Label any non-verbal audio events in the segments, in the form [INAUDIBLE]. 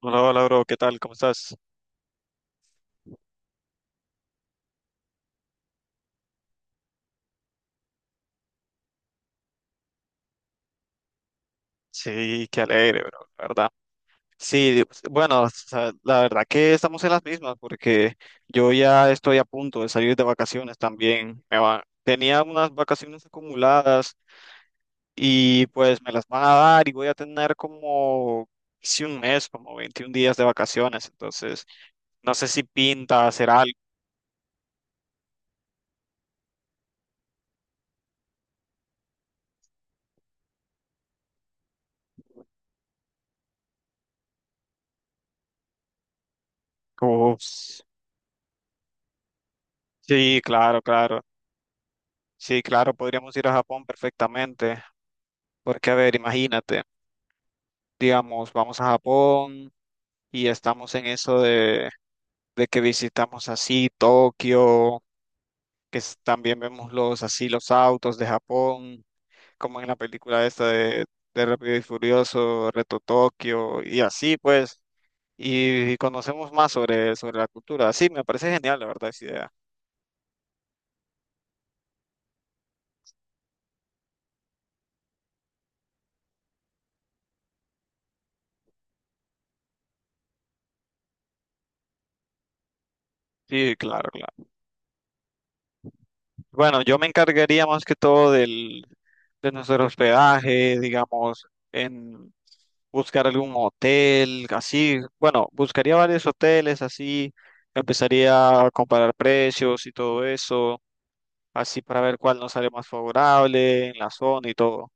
Hola, hola, bro, ¿qué tal? ¿Cómo estás? Sí, qué alegre, bro, la verdad. Sí, bueno, o sea, la verdad que estamos en las mismas porque yo ya estoy a punto de salir de vacaciones también. Tenía unas vacaciones acumuladas y pues me las van a dar y voy a tener como casi un mes, como 21 días de vacaciones. Entonces, no sé si pinta hacer algo. Sí, claro, claro. Sí, claro, podríamos ir a Japón perfectamente. Porque, a ver, imagínate. Digamos, vamos a Japón y estamos en eso de que visitamos así Tokio, también vemos los así los autos de Japón, como en la película esta de Rápido y Furioso, Reto Tokio, y así pues, y conocemos más sobre la cultura. Sí, me parece genial, la verdad, esa idea. Sí, claro, claro. Bueno, yo me encargaría más que todo de nuestro hospedaje, digamos, en buscar algún hotel, así. Bueno, buscaría varios hoteles, así. Empezaría a comparar precios y todo eso, así para ver cuál nos sale más favorable en la zona y todo.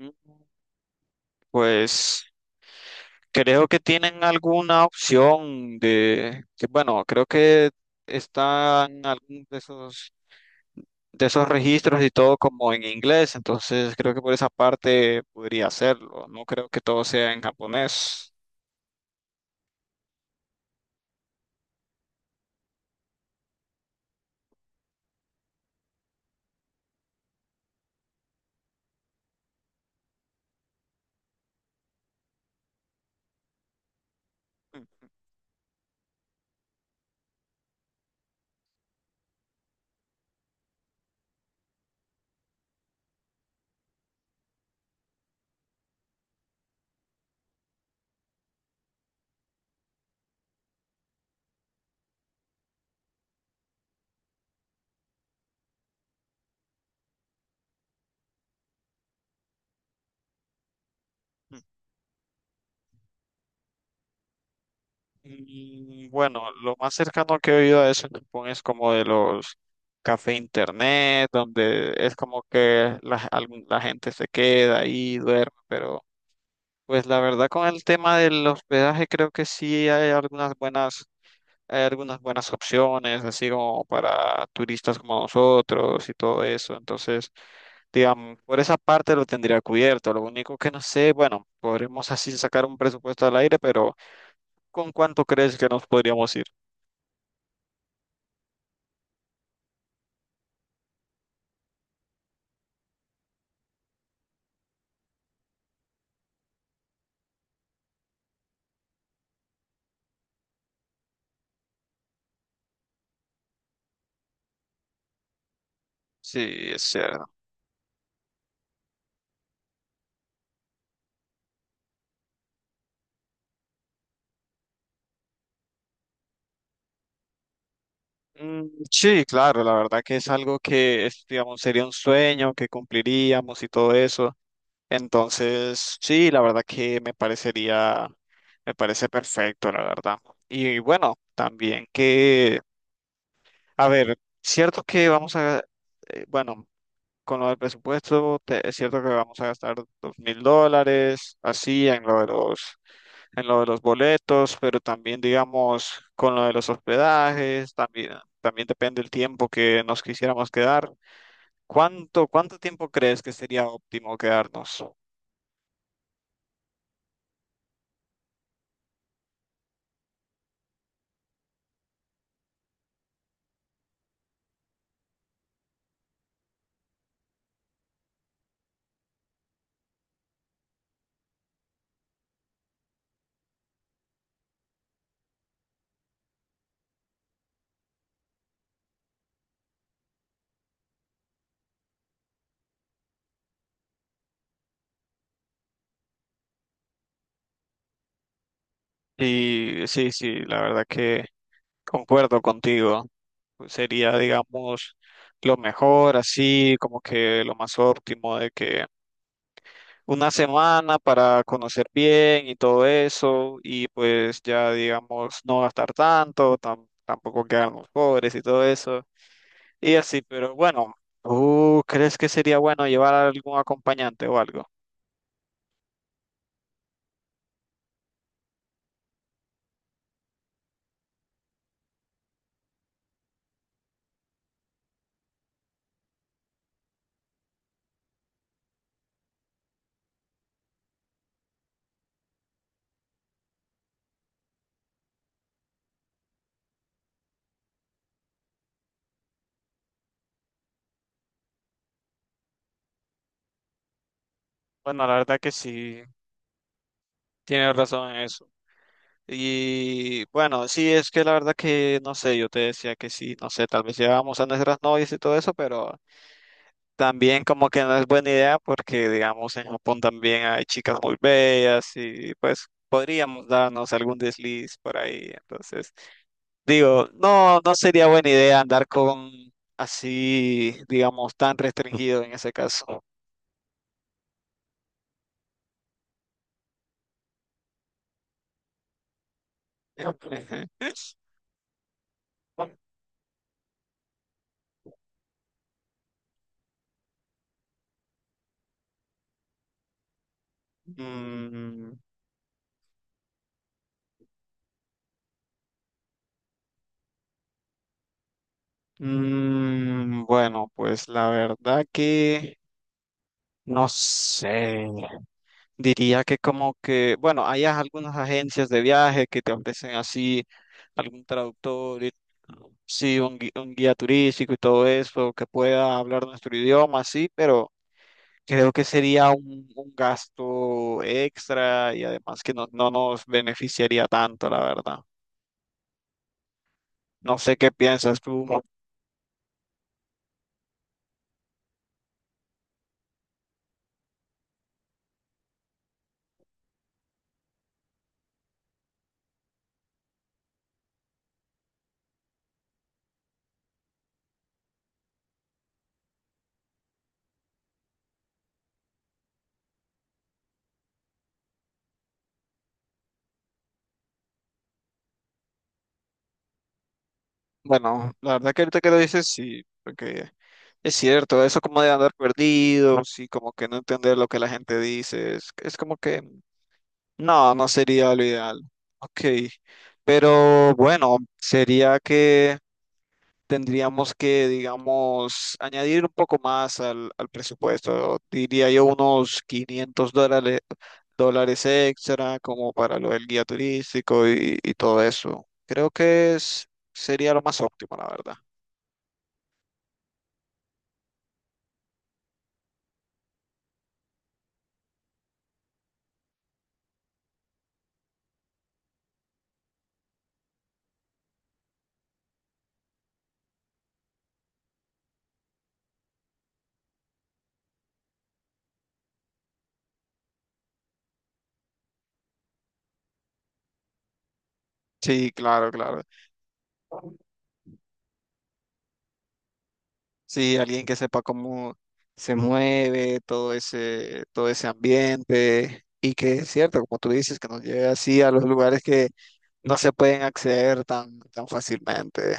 Mm, pues creo que tienen alguna opción de, que bueno, creo que están algunos de esos registros y todo como en inglés, entonces creo que por esa parte podría hacerlo, no creo que todo sea en japonés. Y bueno, lo más cercano que he oído a eso en Japón es como de los café internet, donde es como que la gente se queda ahí, duerme, pero pues la verdad con el tema del hospedaje creo que sí hay algunas buenas. Hay algunas buenas opciones, así como para turistas como nosotros y todo eso. Entonces, digamos, por esa parte lo tendría cubierto. Lo único que no sé, bueno, podremos así sacar un presupuesto al aire, pero ¿con cuánto crees que nos podríamos ir? Sí, es cierto. Mm, sí, claro, la verdad que es algo que, es, digamos, sería un sueño que cumpliríamos y todo eso. Entonces, sí, la verdad que me parecería, me parece perfecto, la verdad. Y bueno, también que a ver, cierto que vamos a, bueno, con lo del presupuesto, es cierto que vamos a gastar $2000, así, en lo de los, en lo de los boletos, pero también, digamos, con lo de los hospedajes, también, también depende el tiempo que nos quisiéramos quedar. ¿Cuánto tiempo crees que sería óptimo quedarnos? Y sí, sí, la verdad que concuerdo contigo. Sería, digamos, lo mejor, así, como que lo más óptimo de que una semana para conocer bien y todo eso, y pues ya digamos no gastar tanto, tampoco quedarnos pobres y todo eso, y así, pero bueno, ¿tú crees que sería bueno llevar a algún acompañante o algo? Bueno, la verdad que sí, tienes razón en eso. Y bueno, sí, es que la verdad que no sé, yo te decía que sí, no sé, tal vez llevábamos a nuestras novias y todo eso, pero también como que no es buena idea porque, digamos, en Japón también hay chicas muy bellas y pues podríamos darnos algún desliz por ahí. Entonces, digo, no, no sería buena idea andar con así, digamos, tan restringido en ese caso. [LAUGHS] Mm, bueno, pues la verdad que no sé. Diría que como que, bueno, hay algunas agencias de viaje que te ofrecen así algún traductor, y, sí, un guía turístico y todo eso, que pueda hablar nuestro idioma, sí, pero creo que sería un gasto extra y además que no nos beneficiaría tanto, la verdad. No sé qué piensas tú. Bueno, la verdad que ahorita que lo dices, sí, porque es cierto, eso como de andar perdido, sí, como que no entender lo que la gente dice, es como que no, no sería lo ideal. Ok, pero bueno, sería que tendríamos que, digamos, añadir un poco más al presupuesto. Diría yo unos $500, dólares extra como para lo del guía turístico y todo eso. Sería lo más óptimo, la verdad. Sí, claro, claro. Sí, alguien que sepa cómo se mueve todo ese ambiente y que es cierto, como tú dices, que nos lleve así a los lugares que no se pueden acceder tan fácilmente.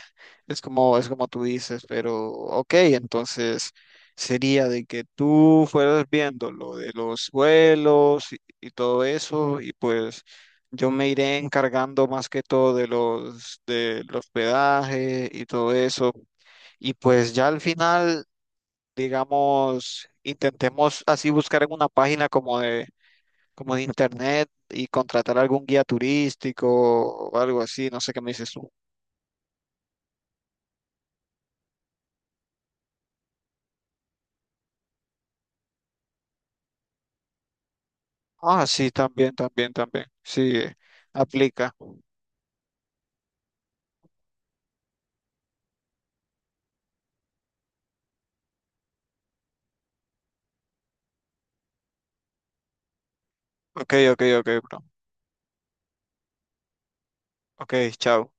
Es como tú dices, pero ok, entonces sería de que tú fueras viendo lo de los vuelos y todo eso, y pues yo me iré encargando más que todo de los, del hospedaje y todo eso. Y pues ya al final, digamos, intentemos así buscar en una página como de internet y contratar algún guía turístico o algo así, no sé qué me dices tú. Ah, sí, también, también, también. Sí, aplica. Ok, ok, ok, bro. Ok, chao.